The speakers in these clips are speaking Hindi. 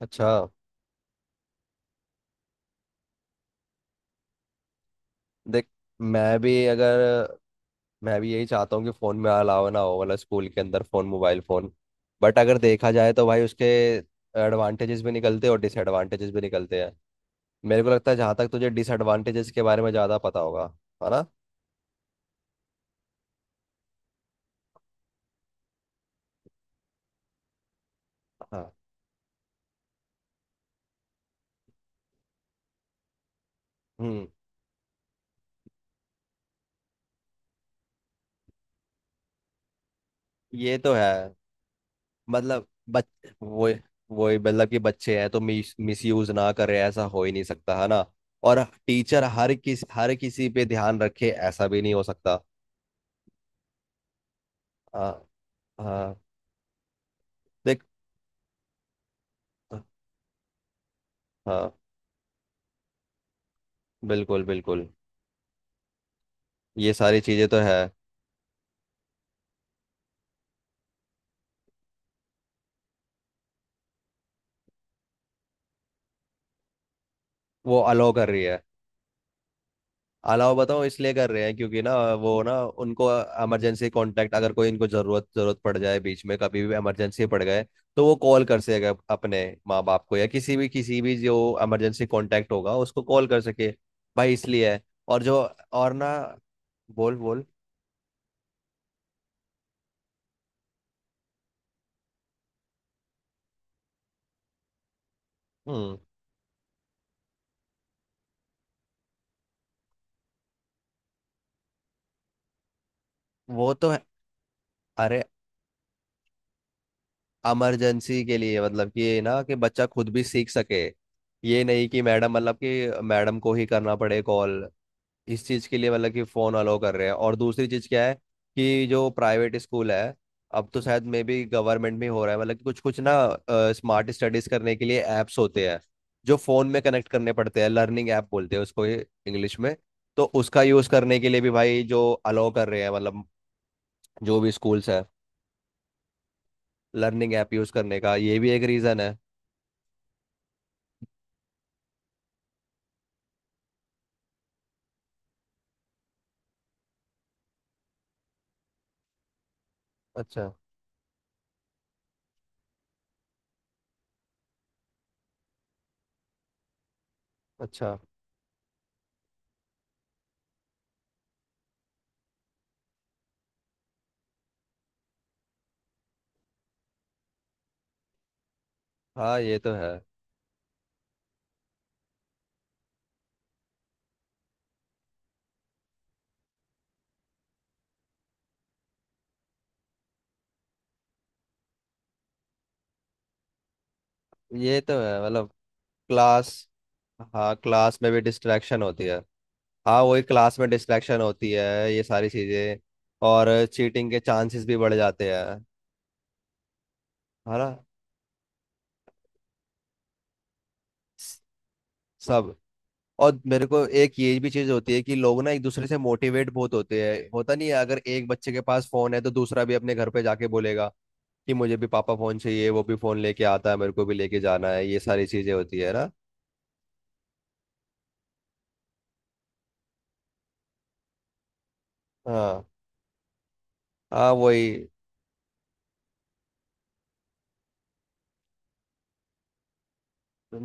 अच्छा। देख, मैं भी अगर मैं भी यही चाहता हूँ कि फ़ोन में अलावा ना हो, मतलब स्कूल के अंदर फ़ोन, मोबाइल फ़ोन। बट अगर देखा जाए तो भाई उसके एडवांटेजेस भी निकलते हैं और डिसएडवांटेजेस भी निकलते हैं। मेरे को लगता है, जहाँ तक तुझे डिसएडवांटेजेस के बारे में ज़्यादा पता होगा। है ना। हाँ। हम्म। ये तो है। मतलब बच वो वो मतलब कि बच्चे हैं तो मिस मिस यूज ना करें, ऐसा हो ही नहीं सकता। है ना। और टीचर हर किसी पे ध्यान रखे, ऐसा भी नहीं हो सकता। हाँ। हाँ। देख। हाँ। बिल्कुल बिल्कुल। ये सारी चीजें तो है। वो अलाउ कर रही है। अलाउ बताओ इसलिए कर रहे हैं क्योंकि ना, वो ना, उनको इमरजेंसी कांटेक्ट, अगर कोई इनको जरूरत जरूरत पड़ जाए बीच में कभी भी, इमरजेंसी पड़ गए तो वो कॉल कर सकेगा अपने माँ बाप को, या किसी भी जो इमरजेंसी कांटेक्ट होगा उसको कॉल कर सके। भाई इसलिए है। और जो, और ना। बोल बोल। हम्म। वो तो है। अरे, इमरजेंसी के लिए मतलब कि ये, ना कि बच्चा खुद भी सीख सके, ये नहीं कि मैडम, मतलब कि मैडम को ही करना पड़े कॉल, इस चीज़ के लिए मतलब कि फ़ोन अलाउ कर रहे हैं। और दूसरी चीज़ क्या है, कि जो प्राइवेट स्कूल है, अब तो शायद मे बी गवर्नमेंट में हो रहा है, मतलब कि कुछ कुछ ना, स्मार्ट स्टडीज़ करने के लिए ऐप्स होते हैं जो फ़ोन में कनेक्ट करने पड़ते हैं, लर्निंग ऐप बोलते हैं उसको इंग्लिश में। तो उसका यूज़ करने के लिए भी भाई जो अलाउ कर रहे हैं, मतलब जो भी स्कूल्स हैं, लर्निंग ऐप यूज़ करने का ये भी एक रीज़न है। अच्छा। अच्छा। हाँ, ये तो है। ये तो है, मतलब क्लास हाँ, क्लास में भी डिस्ट्रैक्शन होती है। हाँ, वही, क्लास में डिस्ट्रैक्शन होती है। ये सारी चीज़ें, और चीटिंग के चांसेस भी बढ़ जाते हैं। है ना। स- सब। और मेरे को एक ये भी चीज़ होती है कि लोग ना एक दूसरे से मोटिवेट बहुत होते हैं, होता नहीं है, अगर एक बच्चे के पास फ़ोन है तो दूसरा भी अपने घर पे जाके बोलेगा कि मुझे भी पापा फ़ोन चाहिए, वो भी फ़ोन लेके आता है, मेरे को भी लेके जाना है, ये सारी चीज़ें होती है ना। हाँ, हाँ, वही।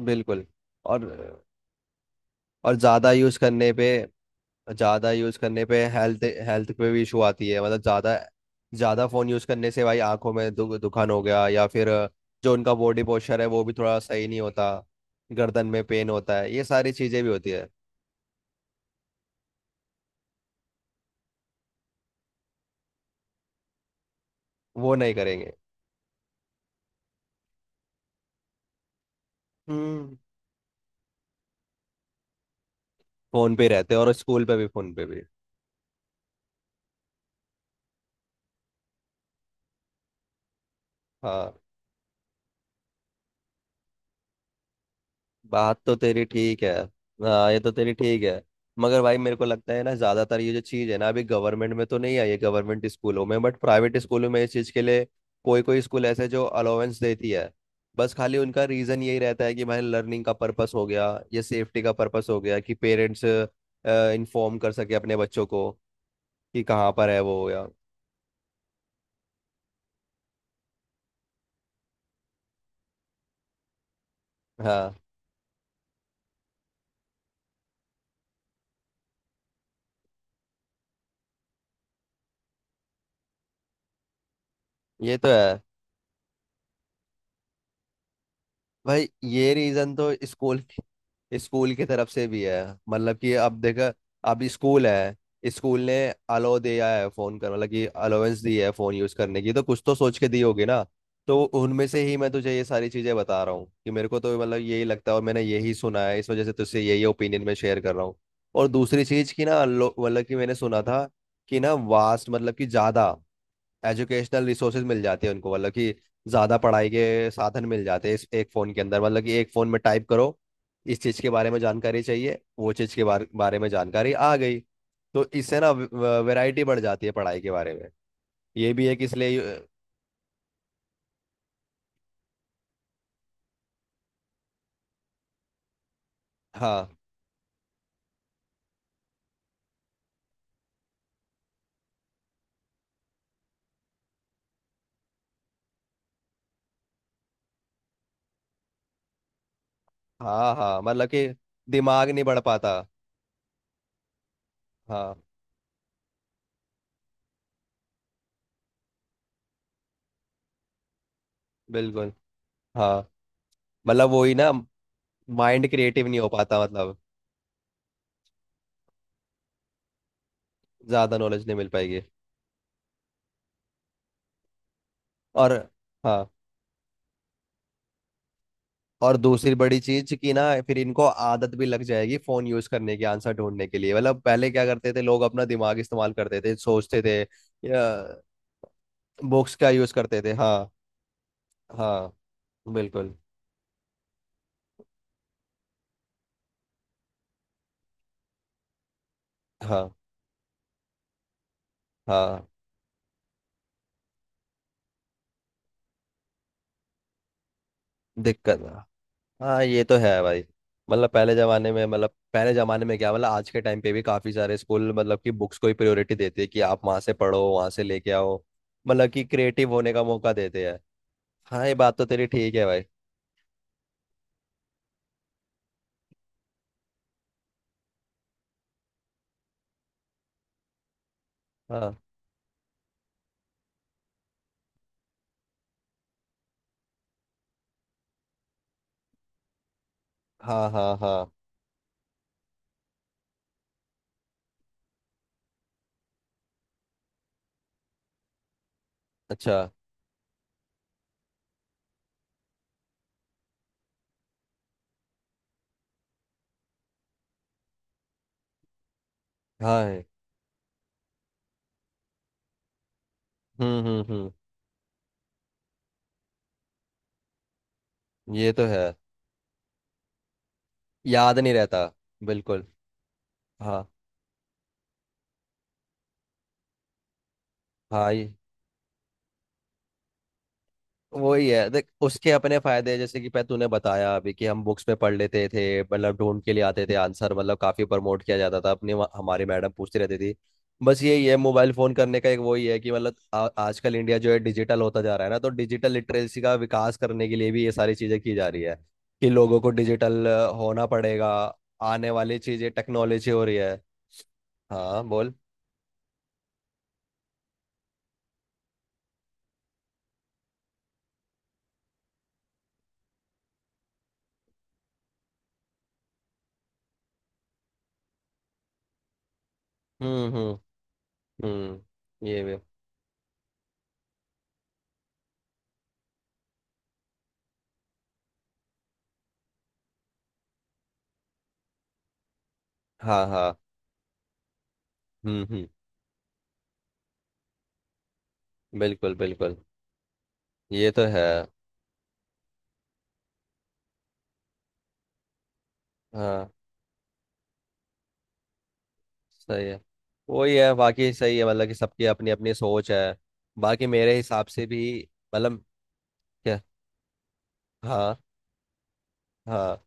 बिल्कुल। और और ज़्यादा यूज़ करने पे, ज़्यादा यूज़ करने पे हेल्थ हेल्थ पे भी इशू आती है, मतलब ज़्यादा, ज़्यादा फ़ोन यूज़ करने से भाई आंखों में दुखान हो गया, या फिर जो उनका बॉडी पोस्चर है वो भी थोड़ा सही नहीं होता, गर्दन में पेन होता है, ये सारी चीज़ें भी होती है। वो नहीं करेंगे। हम्म। फ़ोन पे ही रहते हैं, और स्कूल पे भी, फ़ोन पे भी। हाँ, बात तो तेरी ठीक है। हाँ, ये तो तेरी ठीक है। मगर भाई मेरे को लगता है ना, ज्यादातर ये जो चीज है ना अभी गवर्नमेंट में तो नहीं आई है, गवर्नमेंट स्कूलों में, बट प्राइवेट स्कूलों में इस चीज के लिए कोई कोई स्कूल ऐसे जो अलाउंस देती है। बस खाली उनका रीजन यही रहता है कि भाई लर्निंग का पर्पस हो गया, या सेफ्टी का पर्पस हो गया कि पेरेंट्स इन्फॉर्म कर सके अपने बच्चों को कि कहाँ पर है वो, या। हाँ, ये तो है भाई। ये रीजन तो स्कूल स्कूल की तरफ से भी है। मतलब कि अब देखा, अब स्कूल है, स्कूल ने अलो दिया है फोन कर, मतलब कि अलोवेंस दी है फोन यूज करने की, तो कुछ तो सोच के दी होगी ना। तो उनमें से ही मैं तुझे ये सारी चीजें बता रहा हूँ कि मेरे को तो मतलब यही लगता है और मैंने यही सुना है, इस वजह से तुझसे यही ओपिनियन मैं शेयर कर रहा हूँ। और दूसरी चीज की ना, मतलब कि मैंने सुना था कि ना वास्ट, मतलब कि ज्यादा एजुकेशनल रिसोर्सेज मिल जाते हैं उनको, मतलब कि ज़्यादा पढ़ाई के साधन मिल जाते हैं इस एक फ़ोन के अंदर। मतलब कि एक फ़ोन में टाइप करो इस चीज़ के बारे में जानकारी चाहिए, वो चीज़ के बारे बारे में जानकारी आ गई। तो इससे ना वैरायटी बढ़ जाती है पढ़ाई के बारे में। ये भी है कि इसलिए हाँ, हाँ, हाँ। मतलब कि दिमाग नहीं बढ़ पाता। हाँ। बिल्कुल। हाँ, मतलब वही ना। माइंड क्रिएटिव नहीं हो पाता, मतलब। ज़्यादा नॉलेज नहीं मिल पाएगी। और। हाँ। और दूसरी बड़ी चीज कि ना, फिर इनको आदत भी लग जाएगी फोन यूज करने की, आंसर ढूंढने के लिए। मतलब पहले क्या करते थे लोग, अपना दिमाग इस्तेमाल करते थे, सोचते थे, या बुक्स का यूज करते थे। हाँ। हाँ। बिल्कुल। हाँ। हाँ। दिक्कत। हाँ, ये तो है भाई। मतलब पहले जमाने में, मतलब पहले जमाने में क्या, मतलब आज के टाइम पे भी काफी सारे स्कूल मतलब कि बुक्स को ही प्रायोरिटी देते हैं, कि आप वहां से पढ़ो, वहां से लेके आओ। मतलब कि क्रिएटिव होने का मौका देते हैं। हाँ, ये बात तो तेरी ठीक है भाई। हाँ। हाँ। हाँ। हाँ। अच्छा। हाँ, है। हम्म। ये तो है। याद नहीं रहता। बिल्कुल। हाँ। हाँ, ये वही है, देख। उसके अपने फायदे हैं, जैसे कि पह तूने बताया अभी कि हम बुक्स में पढ़ लेते थे, मतलब ढूंढ के लिए आते थे आंसर, मतलब काफी प्रमोट किया जाता था अपने हमारे मैडम पूछती रहती थी। बस यही है मोबाइल फोन करने का, एक वही है कि मतलब आजकल इंडिया जो है डिजिटल होता जा रहा है ना, तो डिजिटल लिटरेसी का विकास करने के लिए भी ये सारी चीजें की जा रही है, कि लोगों को डिजिटल होना पड़ेगा। आने वाली चीजें टेक्नोलॉजी हो रही है। हाँ, बोल। हम्म हम्म हम्म। ये भी। हाँ। हाँ। हम्म। बिल्कुल बिल्कुल। ये तो है। हाँ। सही है। वही है, बाकी सही है, मतलब कि सबकी अपनी अपनी सोच है। बाकी मेरे हिसाब से भी। मतलब। क्या। हाँ। हाँ।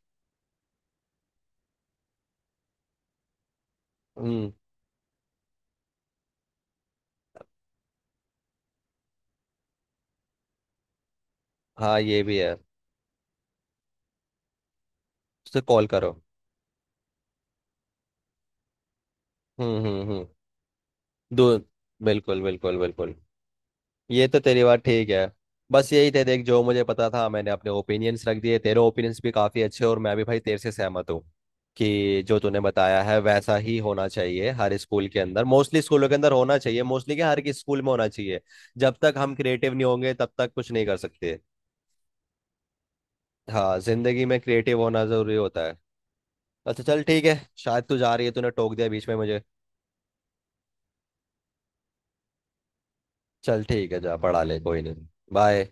हम्म। हाँ, ये भी है। उससे कॉल करो। हम्म। दो। बिल्कुल बिल्कुल बिल्कुल। ये तो तेरी बात ठीक है। बस यही थे देख, जो मुझे पता था मैंने अपने ओपिनियंस रख दिए, तेरे ओपिनियंस भी काफ़ी अच्छे, और मैं भी भाई तेरे से सहमत हूँ कि जो तूने बताया है वैसा ही होना चाहिए हर स्कूल के अंदर, मोस्टली स्कूलों के अंदर होना चाहिए, मोस्टली क्या, हर किसी स्कूल में होना चाहिए। जब तक हम क्रिएटिव नहीं होंगे तब तक कुछ नहीं कर सकते। हाँ, जिंदगी में क्रिएटिव होना जरूरी होता है। अच्छा चल ठीक है, शायद तू जा रही है, तूने टोक दिया बीच में मुझे। चल ठीक है, जा पढ़ा ले, कोई नहीं। बाय।